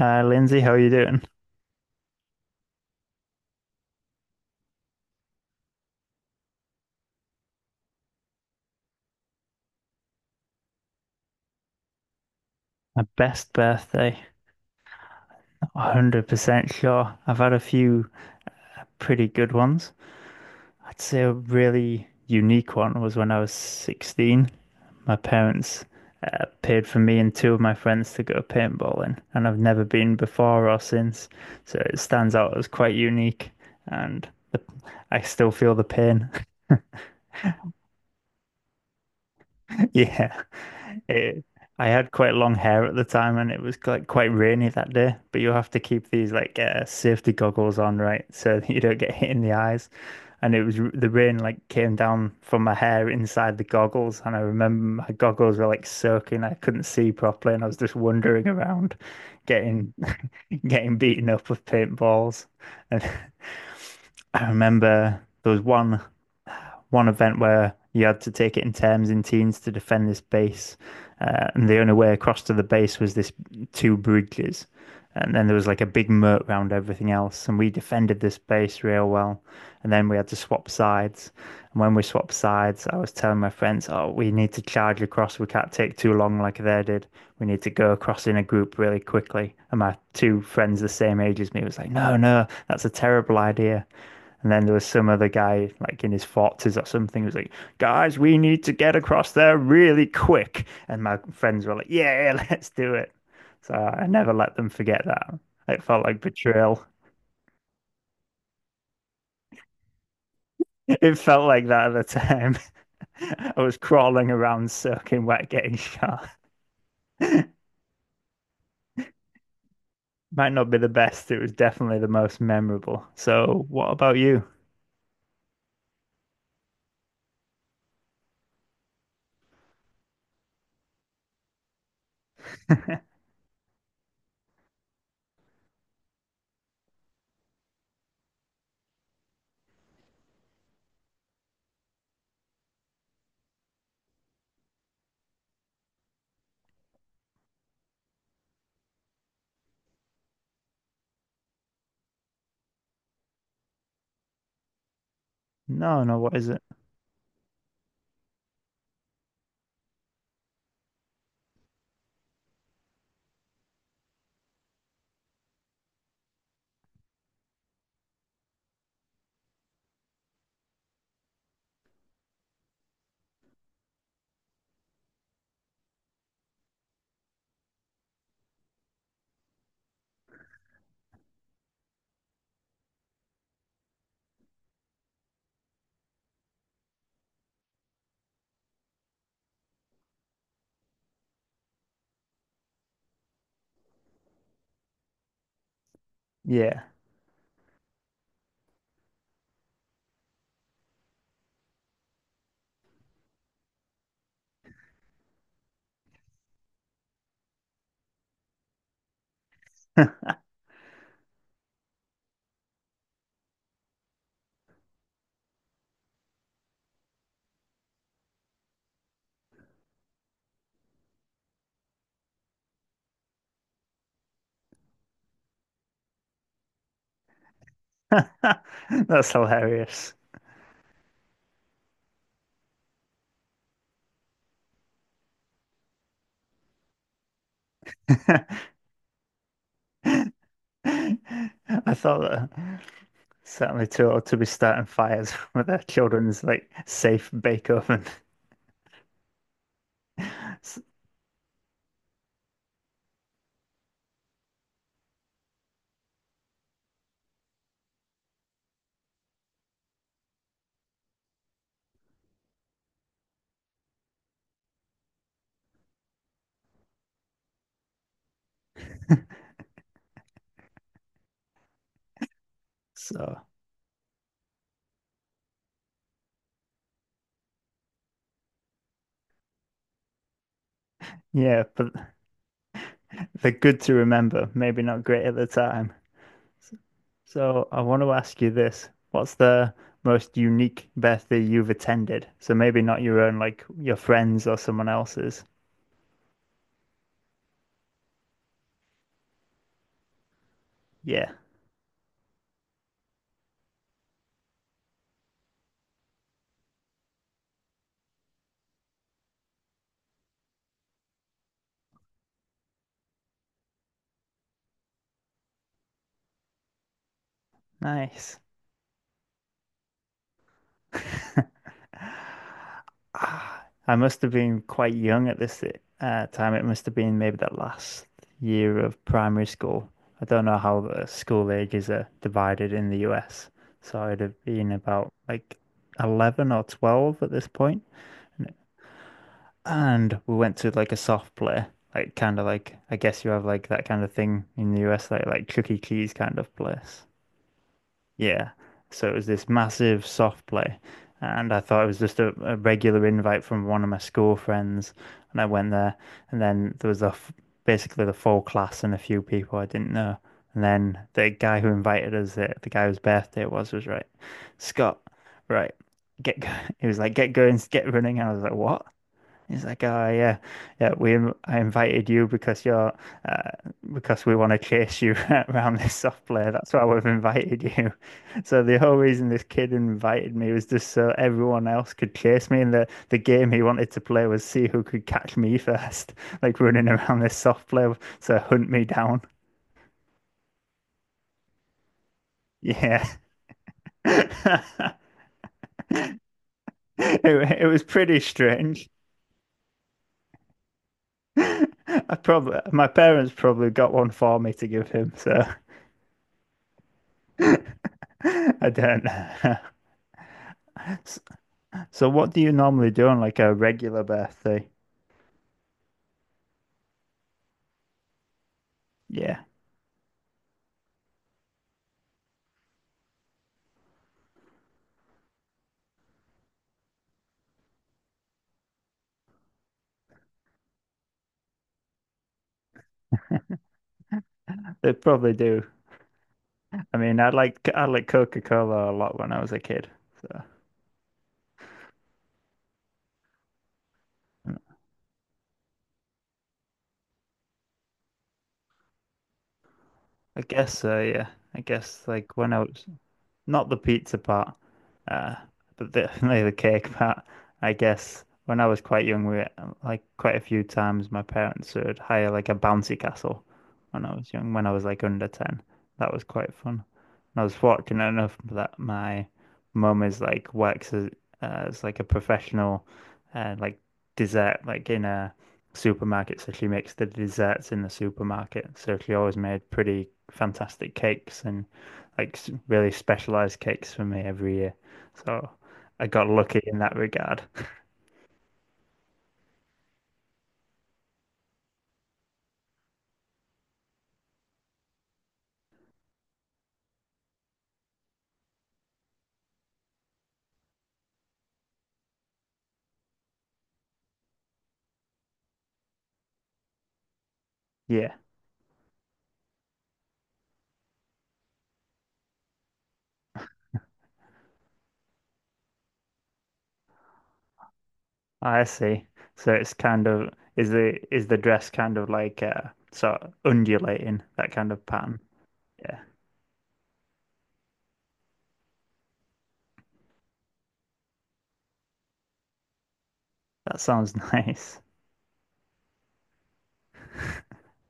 Lindsay, how are you doing? My best birthday, not 100% sure. I've had a few pretty good ones. I'd say a really unique one was when I was 16. My parents paid for me and two of my friends to go paintballing, and I've never been before or since. So it stands out as quite unique, and the, I still feel the pain. Yeah. It, I had quite long hair at the time and it was like quite rainy that day, but you have to keep these like safety goggles on, right? So that you don't get hit in the eyes. And it was the rain like came down from my hair inside the goggles. And I remember my goggles were like soaking. I couldn't see properly and I was just wandering around getting getting beaten up with paintballs. And I remember there was one event where you had to take it in terms in teens to defend this base, and the only way across to the base was this two bridges, and then there was like a big moat round everything else, and we defended this base real well, and then we had to swap sides, and when we swapped sides, I was telling my friends, "Oh, we need to charge across. We can't take too long like they did. We need to go across in a group really quickly." And my two friends the same age as me was like, "No, no, that's a terrible idea." And then there was some other guy, like in his forties or something, who was like, "Guys, we need to get across there really quick." And my friends were like, "Yeah, let's do it." So I never let them forget that. It felt like betrayal. It felt like that at the time. I was crawling around, soaking wet, getting shot. Might not be the best. It was definitely the most memorable. So, what about you? No, no, what is it? Yeah. That's hilarious. I thought that Certainly too old to be starting fires with their children's like safe bake oven. So yeah, but they're good to remember, maybe not great at the time. So I want to ask you this. What's the most unique birthday you've attended? So maybe not your own, like your friends or someone else's. Yeah, nice. Ah, I must have been quite young at this time. It must have been maybe the last year of primary school. I don't know how the school ages are divided in the US. So I'd have been about like 11 or 12 at this point. And we went to like a soft play, like kind of like, I guess you have like that kind of thing in the US, like Chuck E. Cheese kind of place. Yeah. So it was this massive soft play. And I thought it was just a regular invite from one of my school friends. And I went there. And then there was basically the full class and a few people I didn't know. And then the guy who invited us, the guy whose birthday it was right, Scott, right, get, go-" he was like, get going, get running. And I was like, what? He's like, oh yeah, yeah. We I invited you because you're uh, because we want to chase you around this soft play. That's why we've invited you. So the whole reason this kid invited me was just so everyone else could chase me, and the game he wanted to play was see who could catch me first, like running around this soft play so hunt me down. Yeah, it it was pretty strange. I probably my parents probably got one for me to give him, so. I don't know. S- So what do you normally do on like a regular birthday? Yeah, they probably do. I mean, I like Coca-Cola a lot when I was a kid. So I guess so, yeah. I guess like when I was not the pizza part, uh, but definitely the cake part. I guess when I was quite young, we like quite a few times my parents would hire like a bouncy castle when I was young, when I was like under 10. That was quite fun. And I was fortunate enough that my mum is like works as like a professional uh, like dessert like in a supermarket. So she makes the desserts in the supermarket. So she always made pretty fantastic cakes and like really specialized cakes for me every year. So I got lucky in that regard. Yeah, I see. So it's kind of is the dress kind of like sort of undulating that kind of pattern? Yeah, that sounds nice.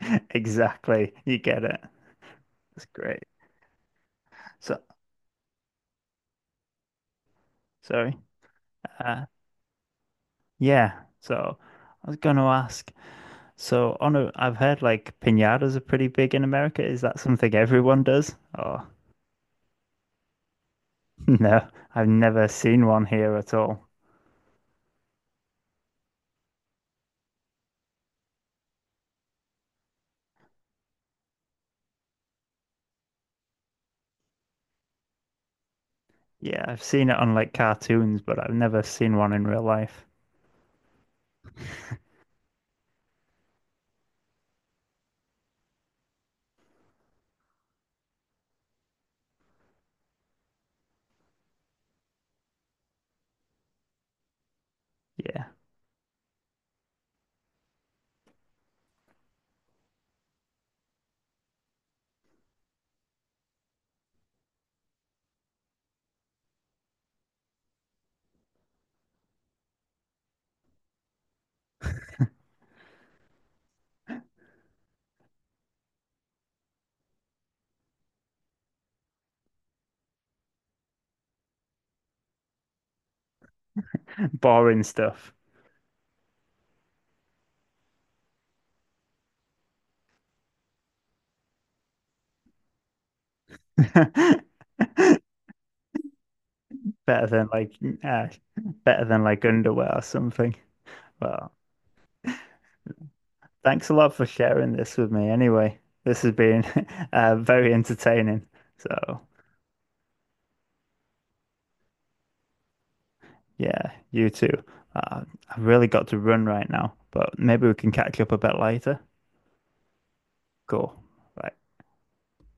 Exactly. You get it. That's great. So sorry. Uh yeah. So I was going to ask. So on a, I've heard like piñatas are pretty big in America. Is that something everyone does? Or no, I've never seen one here at all. Yeah, I've seen it on like cartoons, but I've never seen one in real life. Yeah, boring stuff. Better than like uh, underwear or something. Well, thanks a lot for sharing this with me anyway. This has been very entertaining. So, yeah, you too. Uh, I've really got to run right now, but maybe we can catch up a bit later. Cool. Right.